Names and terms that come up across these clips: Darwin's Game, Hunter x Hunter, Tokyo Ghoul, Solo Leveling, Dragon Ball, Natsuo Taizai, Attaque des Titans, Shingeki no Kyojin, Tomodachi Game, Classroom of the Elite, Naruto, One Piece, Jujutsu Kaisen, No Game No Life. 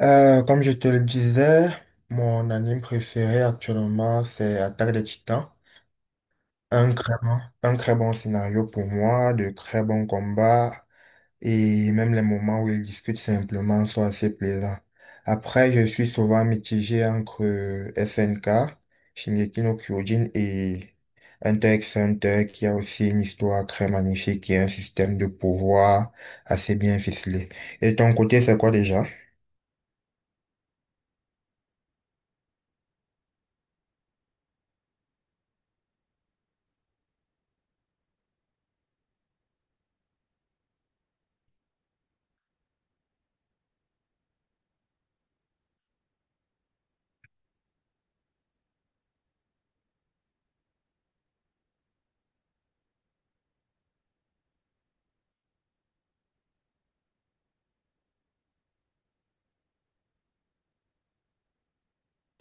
Comme je te le disais, mon anime préféré actuellement, c'est Attaque des Titans. Un très bon scénario pour moi, de très bons combats, et même les moments où ils discutent simplement sont assez plaisants. Après, je suis souvent mitigé entre SNK, Shingeki no Kyojin et Hunter x Hunter, qui a aussi une histoire très magnifique et un système de pouvoir assez bien ficelé. Et ton côté, c'est quoi déjà?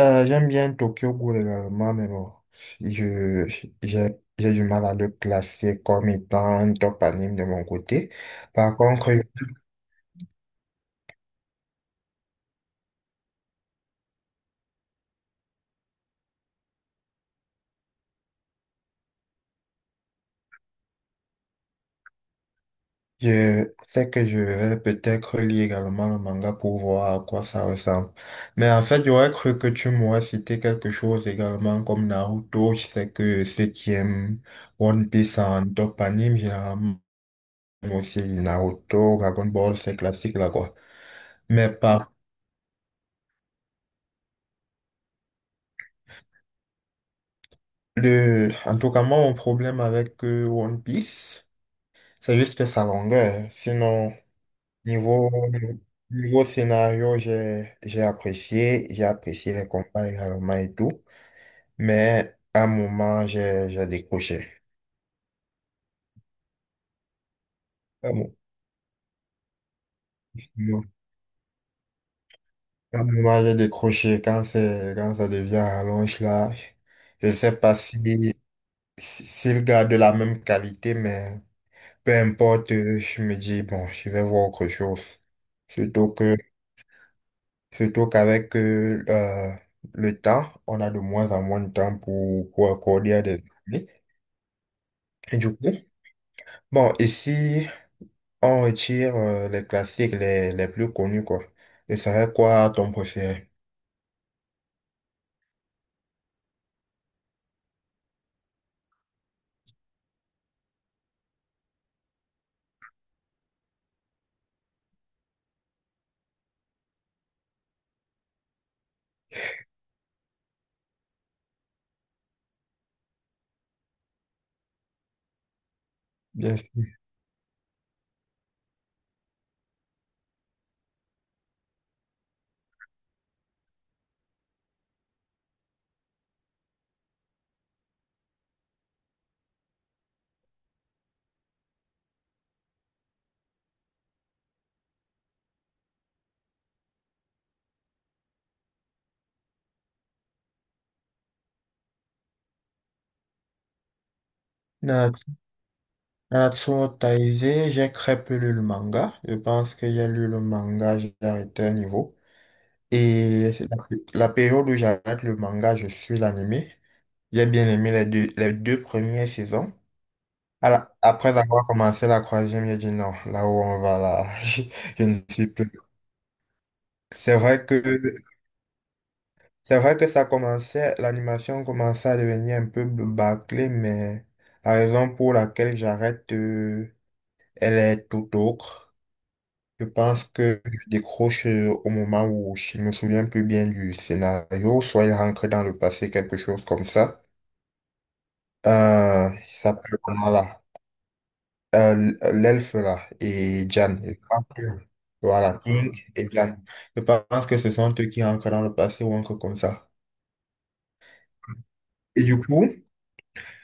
J'aime bien Tokyo Ghoul également, mais bon, je, j'ai, j'ai du mal à le classer comme étant un top anime de mon côté. Par contre, je sais que je vais peut-être lire également le manga pour voir à quoi ça ressemble. Mais en fait, j'aurais cru que tu m'aurais cité quelque chose également comme Naruto. Je sais que ceux qui aiment One Piece en top anime, généralement, aussi Naruto, Dragon Ball, c'est classique là quoi. Mais par en tout cas, moi, mon problème avec One Piece, c'est juste sa longueur. Sinon, niveau, niveau scénario, j'ai apprécié les combats également et tout, mais à un moment, j'ai décroché. À un mo- à un moment, j'ai décroché quand ça devient rallonge là. Je sais pas s'il garde la même qualité, mais peu importe, je me dis, bon, je vais voir autre chose. Surtout que Surtout qu'avec le temps, on a de moins en moins de temps pour accorder à des amis. Et du coup, bon, ici, on retire les classiques les plus connus, quoi. Et ça serait quoi ton préféré? Bien sûr. Na- Natsuo Taizai, j'ai très peu lu le manga. Je pense que j'ai lu le manga, j'ai arrêté un niveau. Et c'est la période où j'arrête le manga, je suis l'animé. J'ai bien aimé les deux premières saisons. Après avoir commencé la troisième, j'ai dit non, là où on va là, je ne suis plus. C'est vrai que c'est vrai que ça commençait, l'animation commençait à devenir un peu bâclée, mais la raison pour laquelle j'arrête, elle est tout autre. Je pense que je décroche au moment où je ne me souviens plus bien du scénario, soit il rentre dans le passé, quelque chose comme ça. Ça là. L'elfe là et Jan. Voilà, King et Jan. Je pense que ce sont eux qui rentrent dans le passé ou encore comme ça. Et du coup,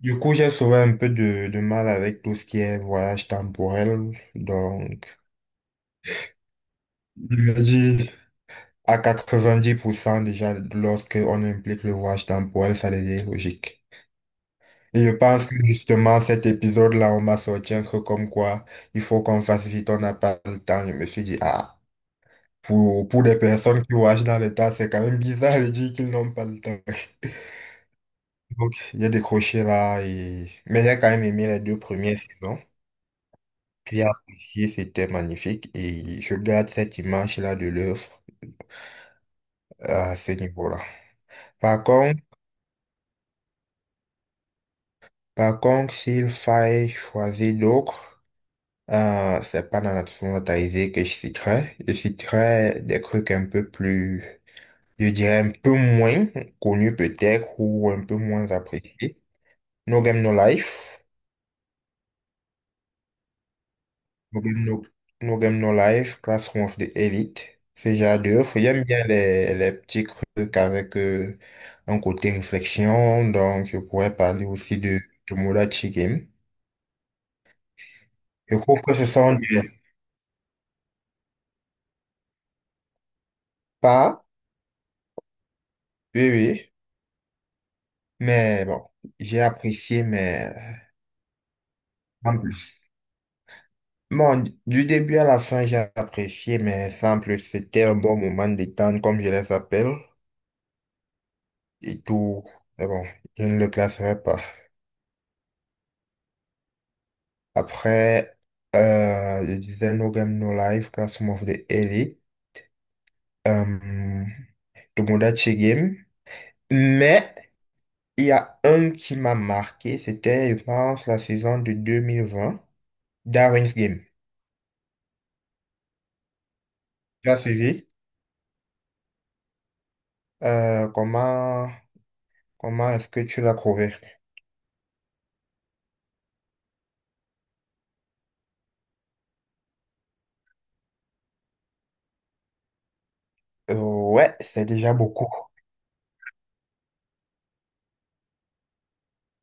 du coup, j'ai souvent un peu de mal avec tout ce qui est voyage temporel. Donc, je me dis à 90% déjà, lorsque on implique le voyage temporel, ça devient logique. Et je pense que justement, cet épisode-là, on m'a sorti un truc comme quoi il faut qu'on fasse vite, on n'a pas le temps. Je me suis dit, ah. Pour des personnes qui voyagent dans les tas, c'est quand même bizarre de dire qu'ils n'ont pas le temps. Donc, j'ai décroché là et, mais j'ai quand même aimé les deux premières saisons. J'ai apprécié, c'était magnifique et je garde cette image-là de l'œuvre à ce niveau-là. Par contre, par contre, s'il fallait choisir d'autres, c'est pas dans la totalité que je citerai. Je citerai des trucs un peu plus, je dirais un peu moins connus peut-être ou un peu moins appréciés. No Game No Life, No Game No, No Game No Life, Classroom of the Elite, ce genre d'œuvre. J'aime bien les petits trucs avec un côté réflexion, donc je pourrais parler aussi de Tomodachi Game. Je trouve que ce sont des pas, oui, oui, mais bon, j'ai apprécié, mais sans plus. Bon, du début à la fin, j'ai apprécié, mais sans plus, c'était un bon moment de détente, comme je les appelle, et tout, mais bon, je ne le classerai pas. Après, je disais No Game No Life, Classroom of the Elite, euh, Tomodachi Game. Mais il y a un qui m'a marqué, c'était, je pense, la saison de 2020, Darwin's Game. Tu as suivi? Euh, comment comment est-ce que tu l'as trouvé? Ouais, c'est déjà beaucoup.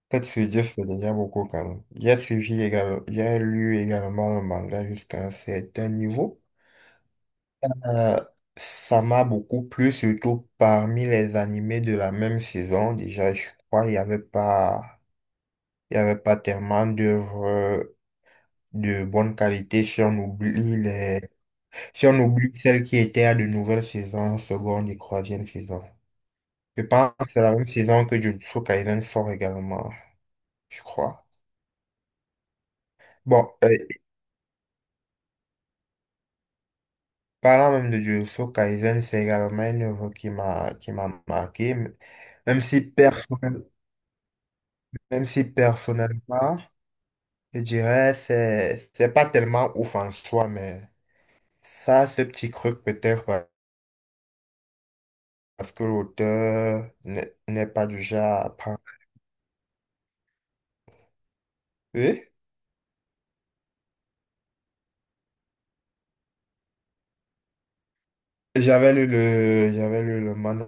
Peut-être se dire c'est déjà beaucoup quand même. J'ai suivi également, j'ai lu également le manga jusqu'à un certain niveau. Euh, Ça m'a beaucoup plu, surtout parmi les animés de la même saison. Déjà, je crois qu'il n'y avait pas, il y avait pas tellement d'œuvres de bonne qualité si on oublie celles qui étaient à de nouvelles saisons, seconde et troisième saison. Je pense que c'est la même saison que Jujutsu Kaisen sort également, je crois. Bon, parlant même de Jujutsu Kaisen, c'est également une œuvre qui m'a marqué, même si personnellement, même si personnellement, je dirais, c'est pas tellement ouf en soi, mais ça, ce petit truc parce que l'auteur n'est pas du genre à prendre. Oui, j'avais lu le manuel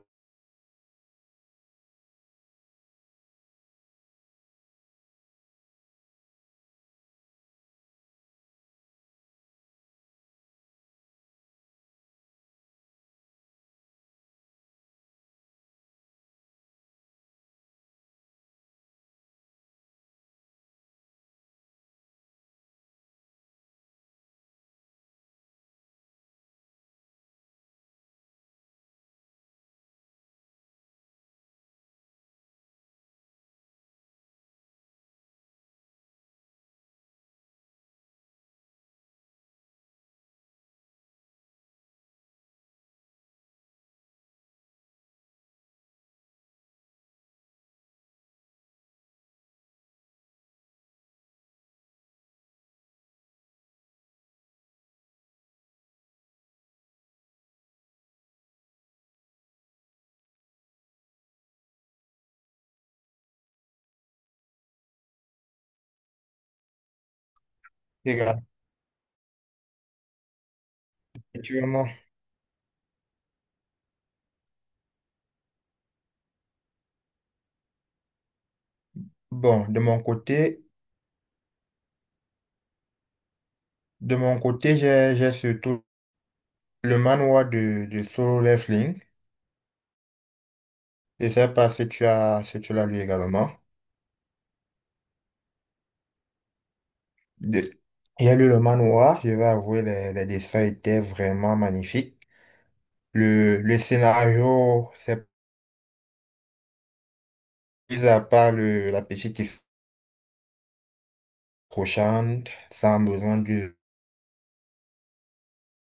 gratuitement. Bon, de mon côté, j'ai surtout le manoir de Solo Leveling. Je sais pas si tu l'as lu également. De- J'ai lu le manoir, je vais avouer, les dessins étaient vraiment magnifiques. Le scénario, c'est, mis à part la petite histoire crochante, sans besoin du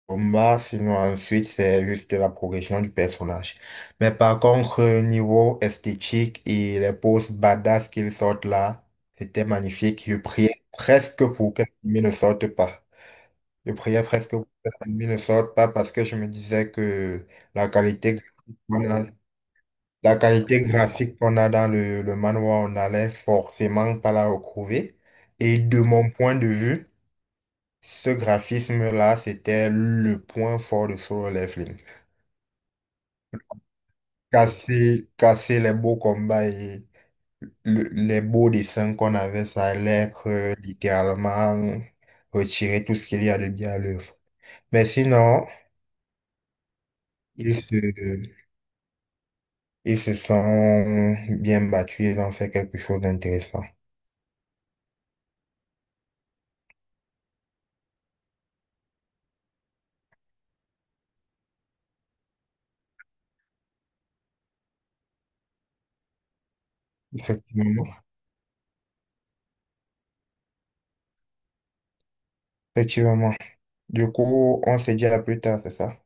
combat, sinon ensuite c'est juste la progression du personnage. Mais par contre, niveau esthétique et les poses badass qu'ils sortent là, c'était magnifique. Je priais presque pour que l'anime ne sorte pas. Je priais presque pour que l'anime ne sorte pas parce que je me disais que la qualité graphique qu'on a, la qualité graphique qu'on a dans le manhwa, on allait forcément pas la retrouver. Et de mon point de vue, ce graphisme-là, c'était le point fort de Solo Leveling. Casser les beaux combats et les beaux dessins qu'on avait, ça allait être littéralement retirer tout ce qu'il y a de bien à l'œuvre. Mais sinon, ils se, ils se sont bien battus, ils ont fait quelque chose d'intéressant. Effectivement. Effectivement. Du coup, on se dit à plus tard, c'est ça?